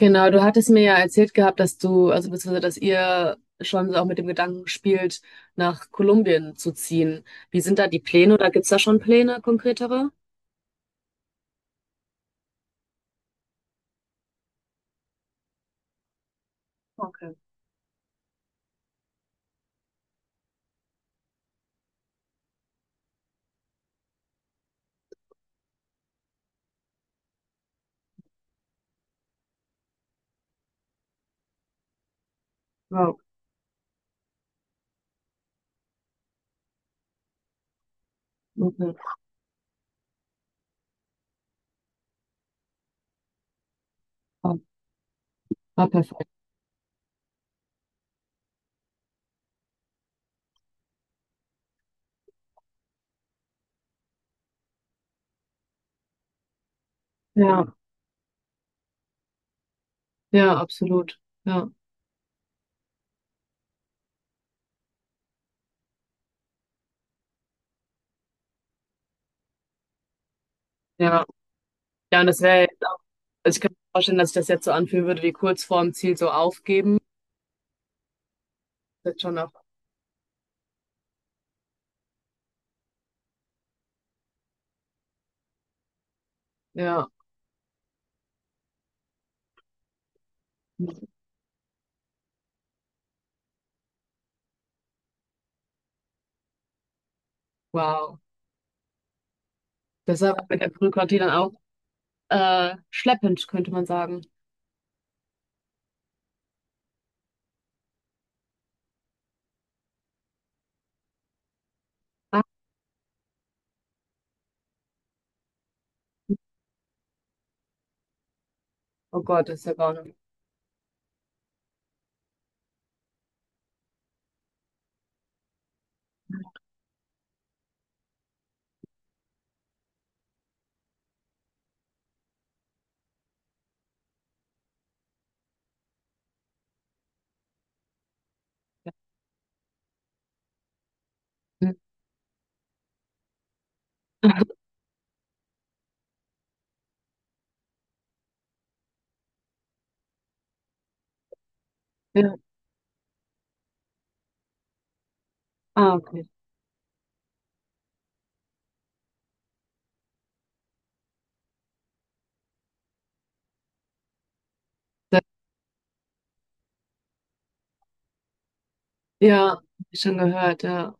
Genau, du hattest mir ja erzählt gehabt, dass du, also beziehungsweise, dass ihr schon so auch mit dem Gedanken spielt, nach Kolumbien zu ziehen. Wie sind da die Pläne oder gibt's da schon Pläne konkretere? Ja, okay. Ah, ah, perfekt. Ja, ja, absolut. Ja, ja. Ja, und das wäre, also ich kann mir vorstellen, dass ich das jetzt so anfühlen würde, wie kurz vorm Ziel so aufgeben. Das ist schon auch, ja, wow. Das ist aber mit der Bürokratie dann auch schleppend, könnte man sagen. Ah, oh Gott, das ist ja gar nicht. Ja. Ah, okay. Ja, schon gehört, ja.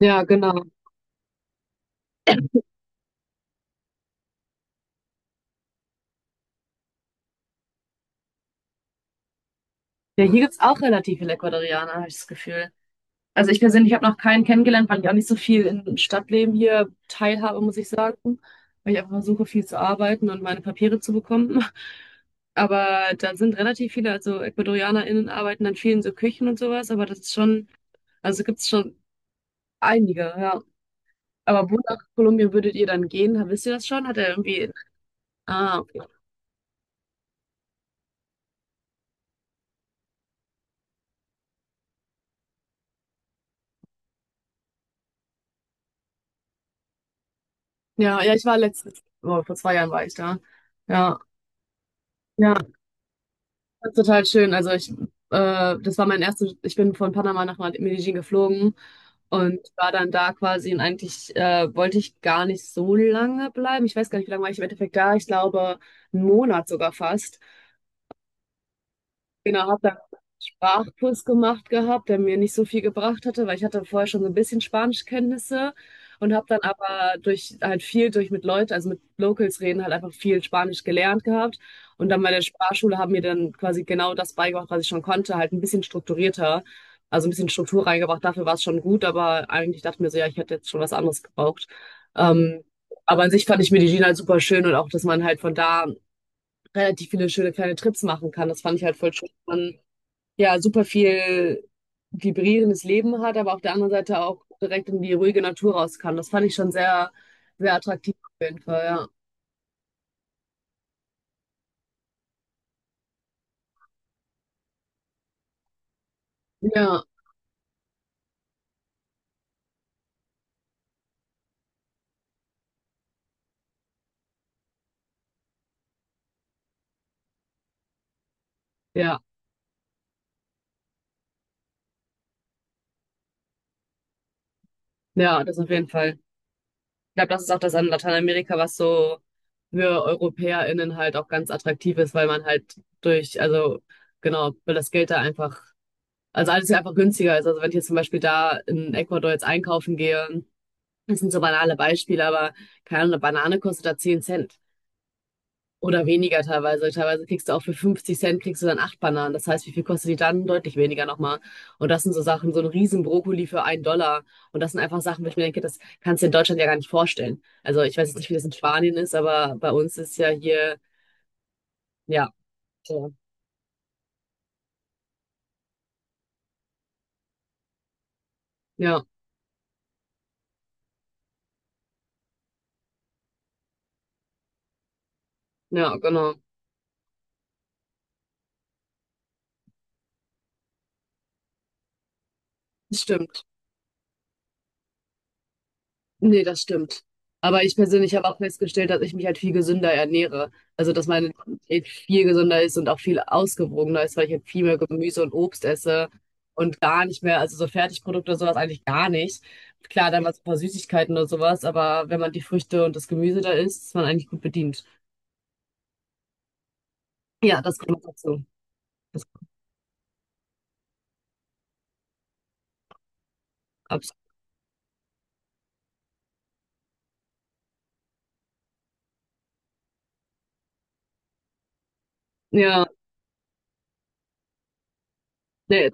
Ja, genau. Ja, hier gibt's auch relativ viele Ecuadorianer, habe ich das Gefühl. Also ich persönlich habe noch keinen kennengelernt, weil ich auch nicht so viel im Stadtleben hier teilhabe, muss ich sagen. Weil ich einfach versuche, viel zu arbeiten und meine Papiere zu bekommen. Aber da sind relativ viele, also EcuadorianerInnen arbeiten dann vielen so Küchen und sowas, aber das ist schon, also gibt's schon einige, ja. Aber wo nach Kolumbien würdet ihr dann gehen? Wisst ihr das schon? Hat er irgendwie. Ah, okay. Ja, ja, ich war letztens, oh, vor zwei Jahren war ich da. Ja, ja, das ist total schön. Also ich, das war mein erstes, ich bin von Panama nach Medellin geflogen und war dann da quasi und eigentlich wollte ich gar nicht so lange bleiben. Ich weiß gar nicht, wie lange war ich im Endeffekt da. Ich glaube, einen Monat sogar fast. Genau, habe dann Sprachkurs gemacht gehabt, der mir nicht so viel gebracht hatte, weil ich hatte vorher schon so ein bisschen Spanischkenntnisse und habe dann aber durch halt viel durch mit Leuten, also mit Locals reden, halt einfach viel Spanisch gelernt gehabt. Und dann bei der Sprachschule haben mir dann quasi genau das beigebracht, was ich schon konnte, halt ein bisschen strukturierter, also ein bisschen Struktur reingebracht. Dafür war es schon gut, aber eigentlich dachte ich mir so, ja, ich hätte jetzt schon was anderes gebraucht. Ähm, aber an sich fand ich Medellin halt super schön und auch, dass man halt von da relativ viele schöne kleine Trips machen kann. Das fand ich halt voll schön. Man ja super viel vibrierendes Leben hat, aber auf der anderen Seite auch direkt in die ruhige Natur raus kann. Das fand ich schon sehr, sehr attraktiv auf jeden Fall, ja. Ja, ja, ja, das auf jeden Fall. Ich glaube, das ist auch das an Lateinamerika, was so für EuropäerInnen halt auch ganz attraktiv ist, weil man halt durch, also genau, weil das Geld da einfach, also alles ja einfach günstiger ist. Also wenn ich jetzt zum Beispiel da in Ecuador jetzt einkaufen gehe, das sind so banale Beispiele, aber keine Ahnung, eine Banane kostet da 10 Cent. Oder weniger teilweise. Teilweise kriegst du auch für 50 Cent kriegst du dann acht Bananen. Das heißt, wie viel kostet die dann? Deutlich weniger nochmal. Und das sind so Sachen, so ein riesen Brokkoli für 1 Dollar. Und das sind einfach Sachen, wo ich mir denke, das kannst du in Deutschland ja gar nicht vorstellen. Also ich weiß jetzt nicht, wie das in Spanien ist, aber bei uns ist ja hier, ja, ja, ja, genau. Das stimmt. Nee, das stimmt. Aber ich persönlich habe auch festgestellt, dass ich mich halt viel gesünder ernähre. Also, dass meine Diät viel gesünder ist und auch viel ausgewogener ist, weil ich halt viel mehr Gemüse und Obst esse und gar nicht mehr, also so Fertigprodukte und sowas eigentlich gar nicht. Klar, dann mal so ein paar Süßigkeiten oder sowas, aber wenn man die Früchte und das Gemüse da isst, ist man eigentlich gut bedient. Ja, das kommt noch dazu. Das kommt absolut. Ja, nee,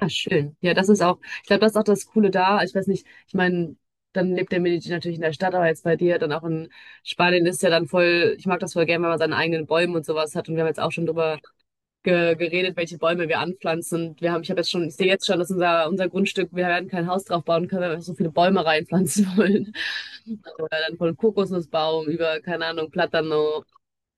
Ah, schön. Ja, das ist auch, ich glaube, das ist auch das Coole da. Ich weiß nicht, ich meine, dann lebt der Medici natürlich in der Stadt, aber jetzt bei dir dann auch in Spanien ist ja dann voll, ich mag das voll gern, wenn man seine eigenen Bäume und sowas hat. Und wir haben jetzt auch schon drüber ge geredet, welche Bäume wir anpflanzen. Und wir haben, ich habe jetzt schon, ich sehe jetzt schon, dass unser, Grundstück, wir werden kein Haus drauf bauen können, weil wir so viele Bäume reinpflanzen wollen. Oder dann von Kokosnussbaum über, keine Ahnung, Platano.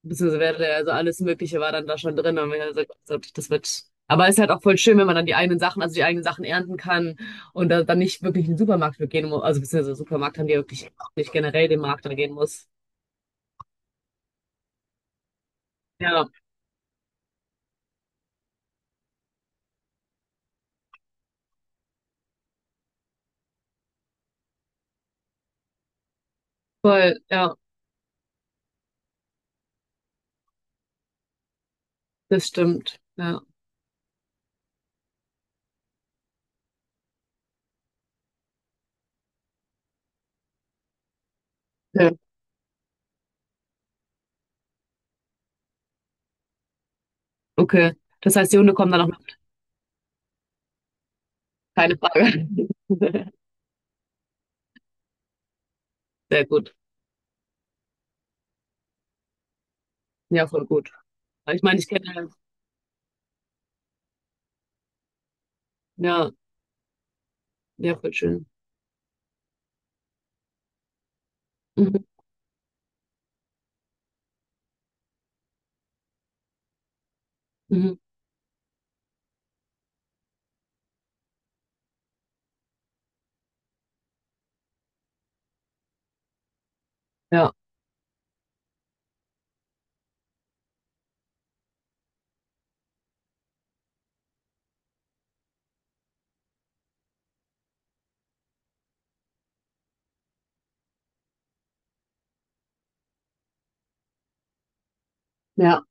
Beziehungsweise wäre, also alles Mögliche war dann da schon drin und wir haben gesagt, so, das wird. Aber es ist halt auch voll schön, wenn man dann die eigenen Sachen, also die eigenen Sachen ernten kann und da, dann nicht wirklich in den Supermarkt gehen muss, also beziehungsweise Supermarkt haben die ja wirklich auch nicht generell den Markt dann gehen muss. Ja, voll, ja, das stimmt. Ja. Ja. Okay. Das heißt, die Hunde kommen dann auch noch, keine Frage. Sehr gut. Ja, voll gut. Ich meine, ich kenne, ja, ja, voll schön. Mhm, mhm. Ja, ja,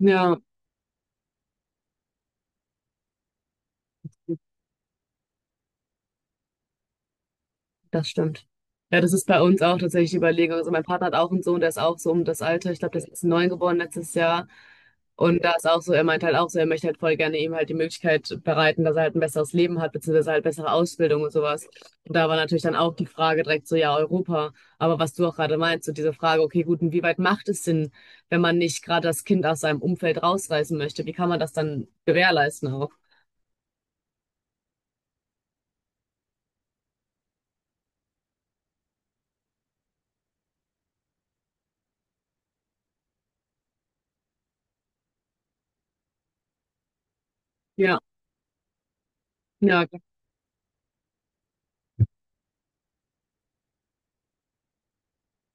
ja. Das stimmt. Ja, das ist bei uns auch tatsächlich die Überlegung. Also mein Partner hat auch einen Sohn, der ist auch so um das Alter. Ich glaube, der ist jetzt neun geboren letztes Jahr. Und da ist auch so, er meint halt auch so, er möchte halt voll gerne ihm halt die Möglichkeit bereiten, dass er halt ein besseres Leben hat, beziehungsweise halt bessere Ausbildung und sowas. Und da war natürlich dann auch die Frage direkt so, ja, Europa. Aber was du auch gerade meinst, so diese Frage, okay, gut, und wie weit macht es Sinn, wenn man nicht gerade das Kind aus seinem Umfeld rausreißen möchte? Wie kann man das dann gewährleisten auch? Ja, ja,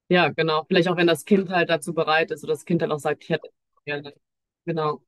Ja, genau. Vielleicht auch, wenn das Kind halt dazu bereit ist oder das Kind halt auch sagt, ich hätte gerne. Genau.